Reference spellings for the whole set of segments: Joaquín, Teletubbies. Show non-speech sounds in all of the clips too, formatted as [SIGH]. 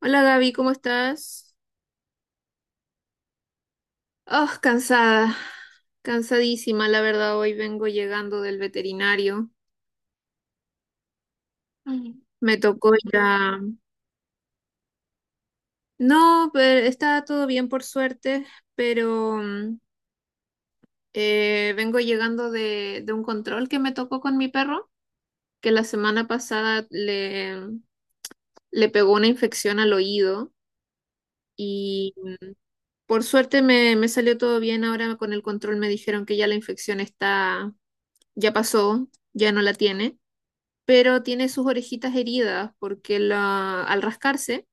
Hola Gaby, ¿cómo estás? Oh, cansada, cansadísima, la verdad, hoy vengo llegando del veterinario. Mm. Me tocó ir a... No, pero está todo bien por suerte, pero vengo llegando de un control que me tocó con mi perro, que la semana pasada le pegó una infección al oído y por suerte me salió todo bien. Ahora con el control me dijeron que ya la infección está, ya pasó, ya no la tiene, pero tiene sus orejitas heridas porque la, al rascarse,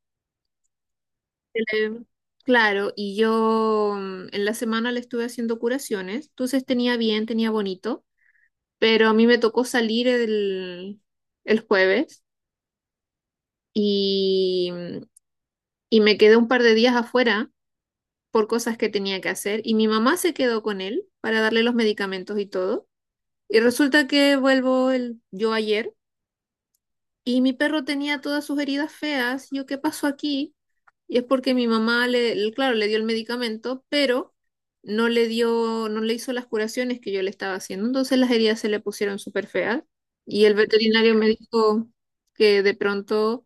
se le- claro, y yo en la semana le estuve haciendo curaciones, entonces tenía bien, tenía bonito, pero a mí me tocó salir el jueves y y me quedé un par de días afuera por cosas que tenía que hacer y mi mamá se quedó con él para darle los medicamentos y todo. Y resulta que vuelvo yo ayer. Y mi perro tenía todas sus heridas feas. Yo, ¿qué pasó aquí? Y es porque mi mamá claro, le dio el medicamento, pero no le hizo las curaciones que yo le estaba haciendo. Entonces las heridas se le pusieron súper feas. Y el veterinario me dijo que de pronto,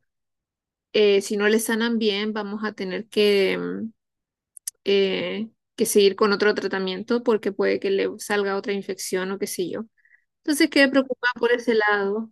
si no le sanan bien, vamos a tener eh, que seguir con otro tratamiento porque puede que le salga otra infección o qué sé yo. Entonces quedé preocupada por ese lado.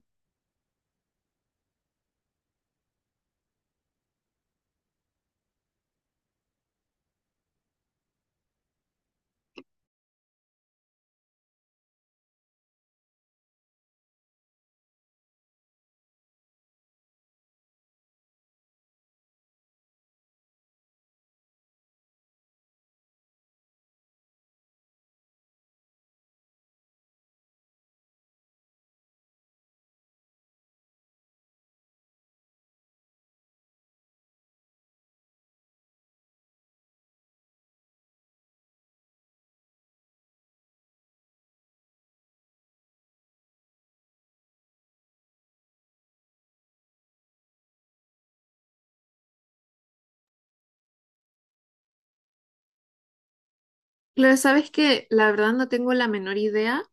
Claro, sabes que la verdad no tengo la menor idea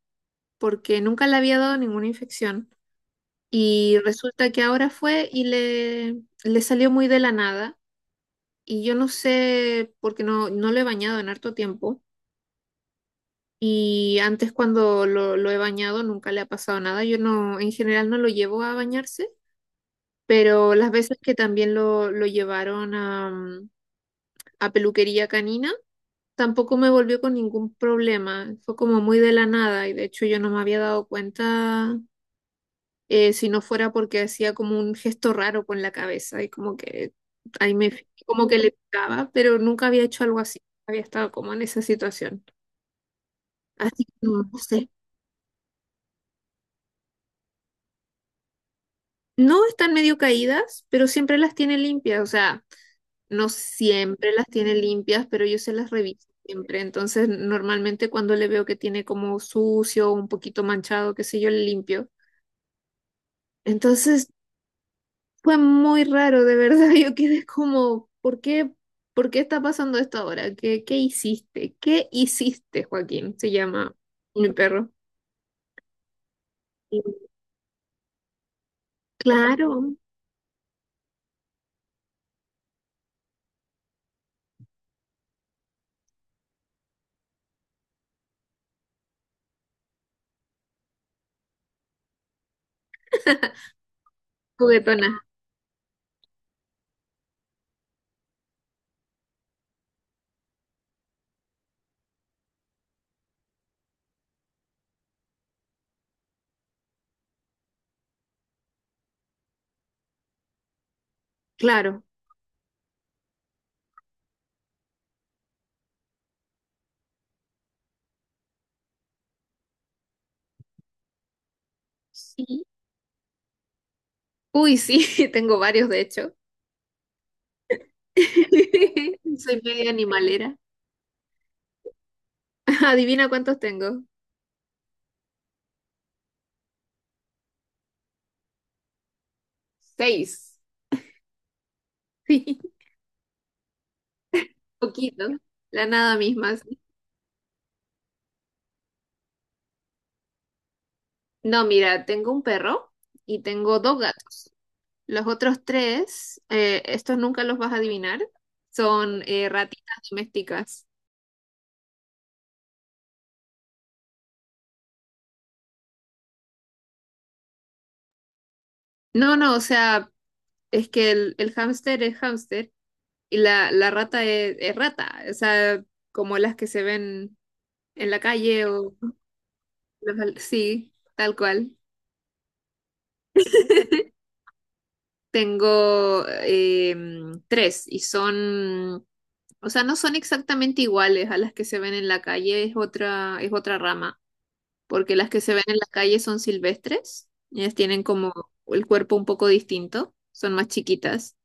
porque nunca le había dado ninguna infección. Y resulta que ahora fue y le salió muy de la nada. Y yo no sé, porque no lo he bañado en harto tiempo. Y antes cuando lo he bañado nunca le ha pasado nada. Yo no, en general no lo llevo a bañarse, pero las veces que también lo llevaron a peluquería canina, tampoco me volvió con ningún problema. Fue como muy de la nada y de hecho yo no me había dado cuenta, si no fuera porque hacía como un gesto raro con la cabeza y como que ahí me fijé, como que le picaba, pero nunca había hecho algo así, había estado como en esa situación. Así que no, no sé. No están medio caídas, pero siempre las tiene limpias, o sea, no siempre las tiene limpias, pero yo se las reviso siempre. Entonces, normalmente cuando le veo que tiene como sucio, un poquito manchado, qué sé yo, le limpio. Entonces, Fue muy raro, de verdad. [LAUGHS] Yo quedé como, ¿por por qué está pasando esto ahora? ¿Qué, qué hiciste? ¿Qué hiciste, Joaquín? Se llama mi perro. Sí. Claro, juguetona, claro. Sí. Uy, sí, [LAUGHS] tengo varios, de hecho. [LAUGHS] Soy media animalera. [LAUGHS] Adivina cuántos tengo. Seis. Sí, [LAUGHS] poquito. La nada misma. Sí. No, mira, tengo un perro y tengo dos gatos. Los otros tres, estos nunca los vas a adivinar, son ratitas domésticas. No, no, o sea, es que el hámster es hámster y la rata es rata, o sea, como las que se ven en la calle o... los- Sí, tal cual. [LAUGHS] Tengo em, tres y son, o sea, no son exactamente iguales a las que se ven en la calle, es otra rama. Porque las que se ven en la calle son silvestres, ellas tienen como el cuerpo un poco distinto, son más chiquitas.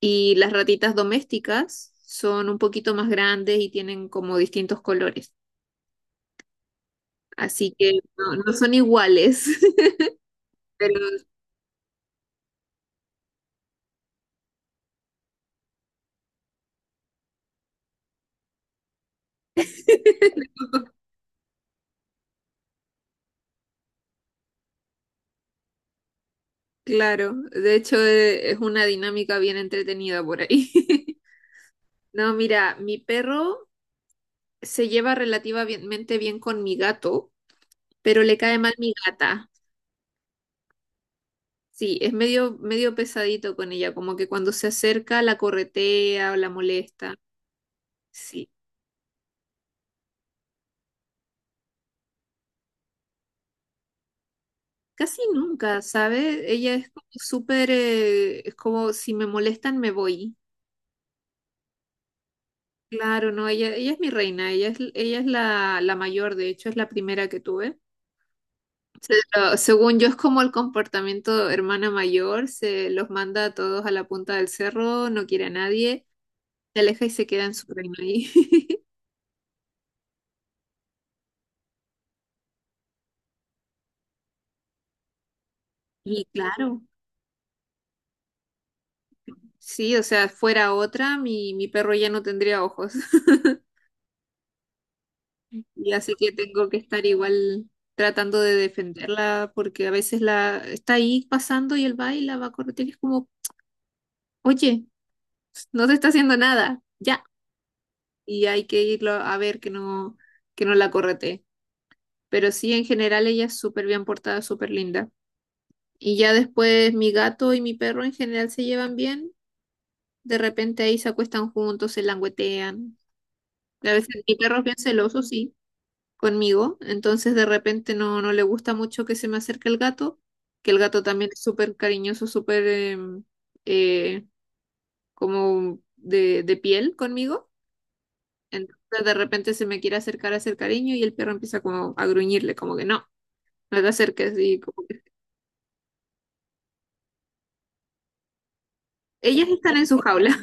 Y las ratitas domésticas son un poquito más grandes y tienen como distintos colores. Así que no, no son iguales, [LAUGHS] pero claro, de hecho es una dinámica bien entretenida por ahí. [LAUGHS] No, mira, mi perro se lleva relativamente bien con mi gato, pero le cae mal mi gata. Sí, es medio, medio pesadito con ella, como que cuando se acerca la corretea o la molesta. Sí, casi nunca, ¿sabe? Ella es como súper, es como si me molestan me voy. Claro, no, ella es mi reina, ella es la mayor, de hecho es la primera que tuve. Se Según yo es como el comportamiento hermana mayor, se los manda a todos a la punta del cerro, no quiere a nadie, se aleja y se queda en su reino ahí. [LAUGHS] Y claro. Sí, o sea, fuera otra, mi perro ya no tendría ojos. [LAUGHS] Y así que tengo que estar igual tratando de defenderla porque a veces la está ahí pasando y él va y la va a corretear y es como, oye, no te está haciendo nada, ya. Y hay que irlo a ver que que no la corretee. Pero sí, en general ella es súper bien portada, súper linda. Y ya después mi gato y mi perro en general se llevan bien. De repente ahí se acuestan juntos, se languetean. A veces mi perro es bien celoso, sí conmigo, entonces de repente no le gusta mucho que se me acerque el gato, que el gato también es súper cariñoso, súper eh, como de piel conmigo, entonces de repente se me quiere acercar a hacer cariño y el perro empieza como a gruñirle, como que no te acerques y como que- Ellas están en su jaula,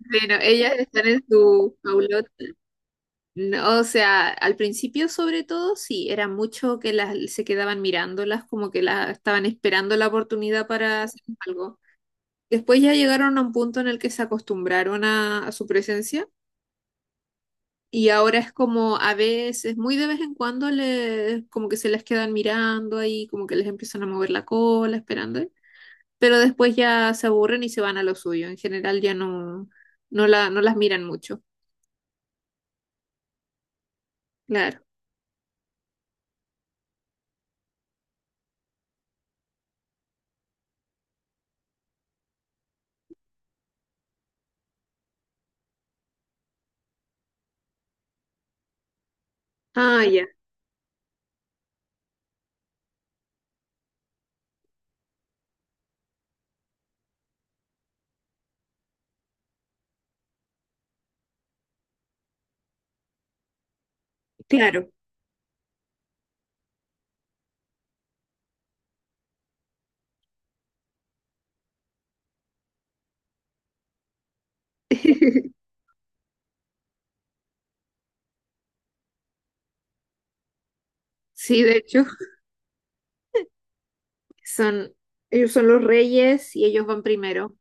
[LAUGHS] bueno, ellas están en su jaulota. No, o sea, al principio sobre todo sí, era mucho que las se quedaban mirándolas, como que las estaban esperando la oportunidad para hacer algo. Después ya llegaron a un punto en el que se acostumbraron a su presencia y ahora es como a veces, muy de vez en cuando, les, como que se les quedan mirando ahí, como que les empiezan a mover la cola, esperando, ¿eh? Pero después ya se aburren y se van a lo suyo. En general ya no, no las miran mucho, claro. Ah, ya, claro. [LAUGHS] Sí, de hecho, son, ellos son los reyes y ellos van primero.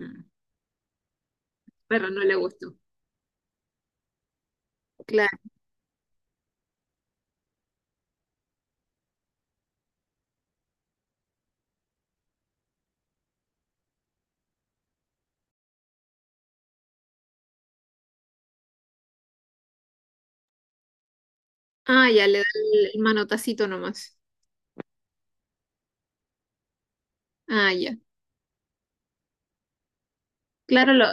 Mm. Pero no le gustó. Claro. Ah, ya, le da el manotacito nomás. Ah, ya. Claro,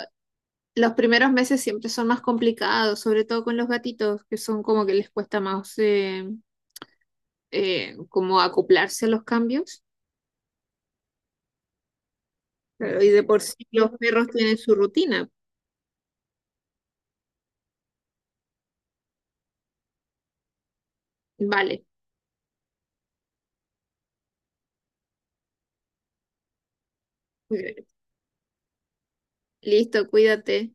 los primeros meses siempre son más complicados, sobre todo con los gatitos, que son como que les cuesta más como acoplarse a los cambios. Claro, y de por sí los perros tienen su rutina. Vale, listo, cuídate.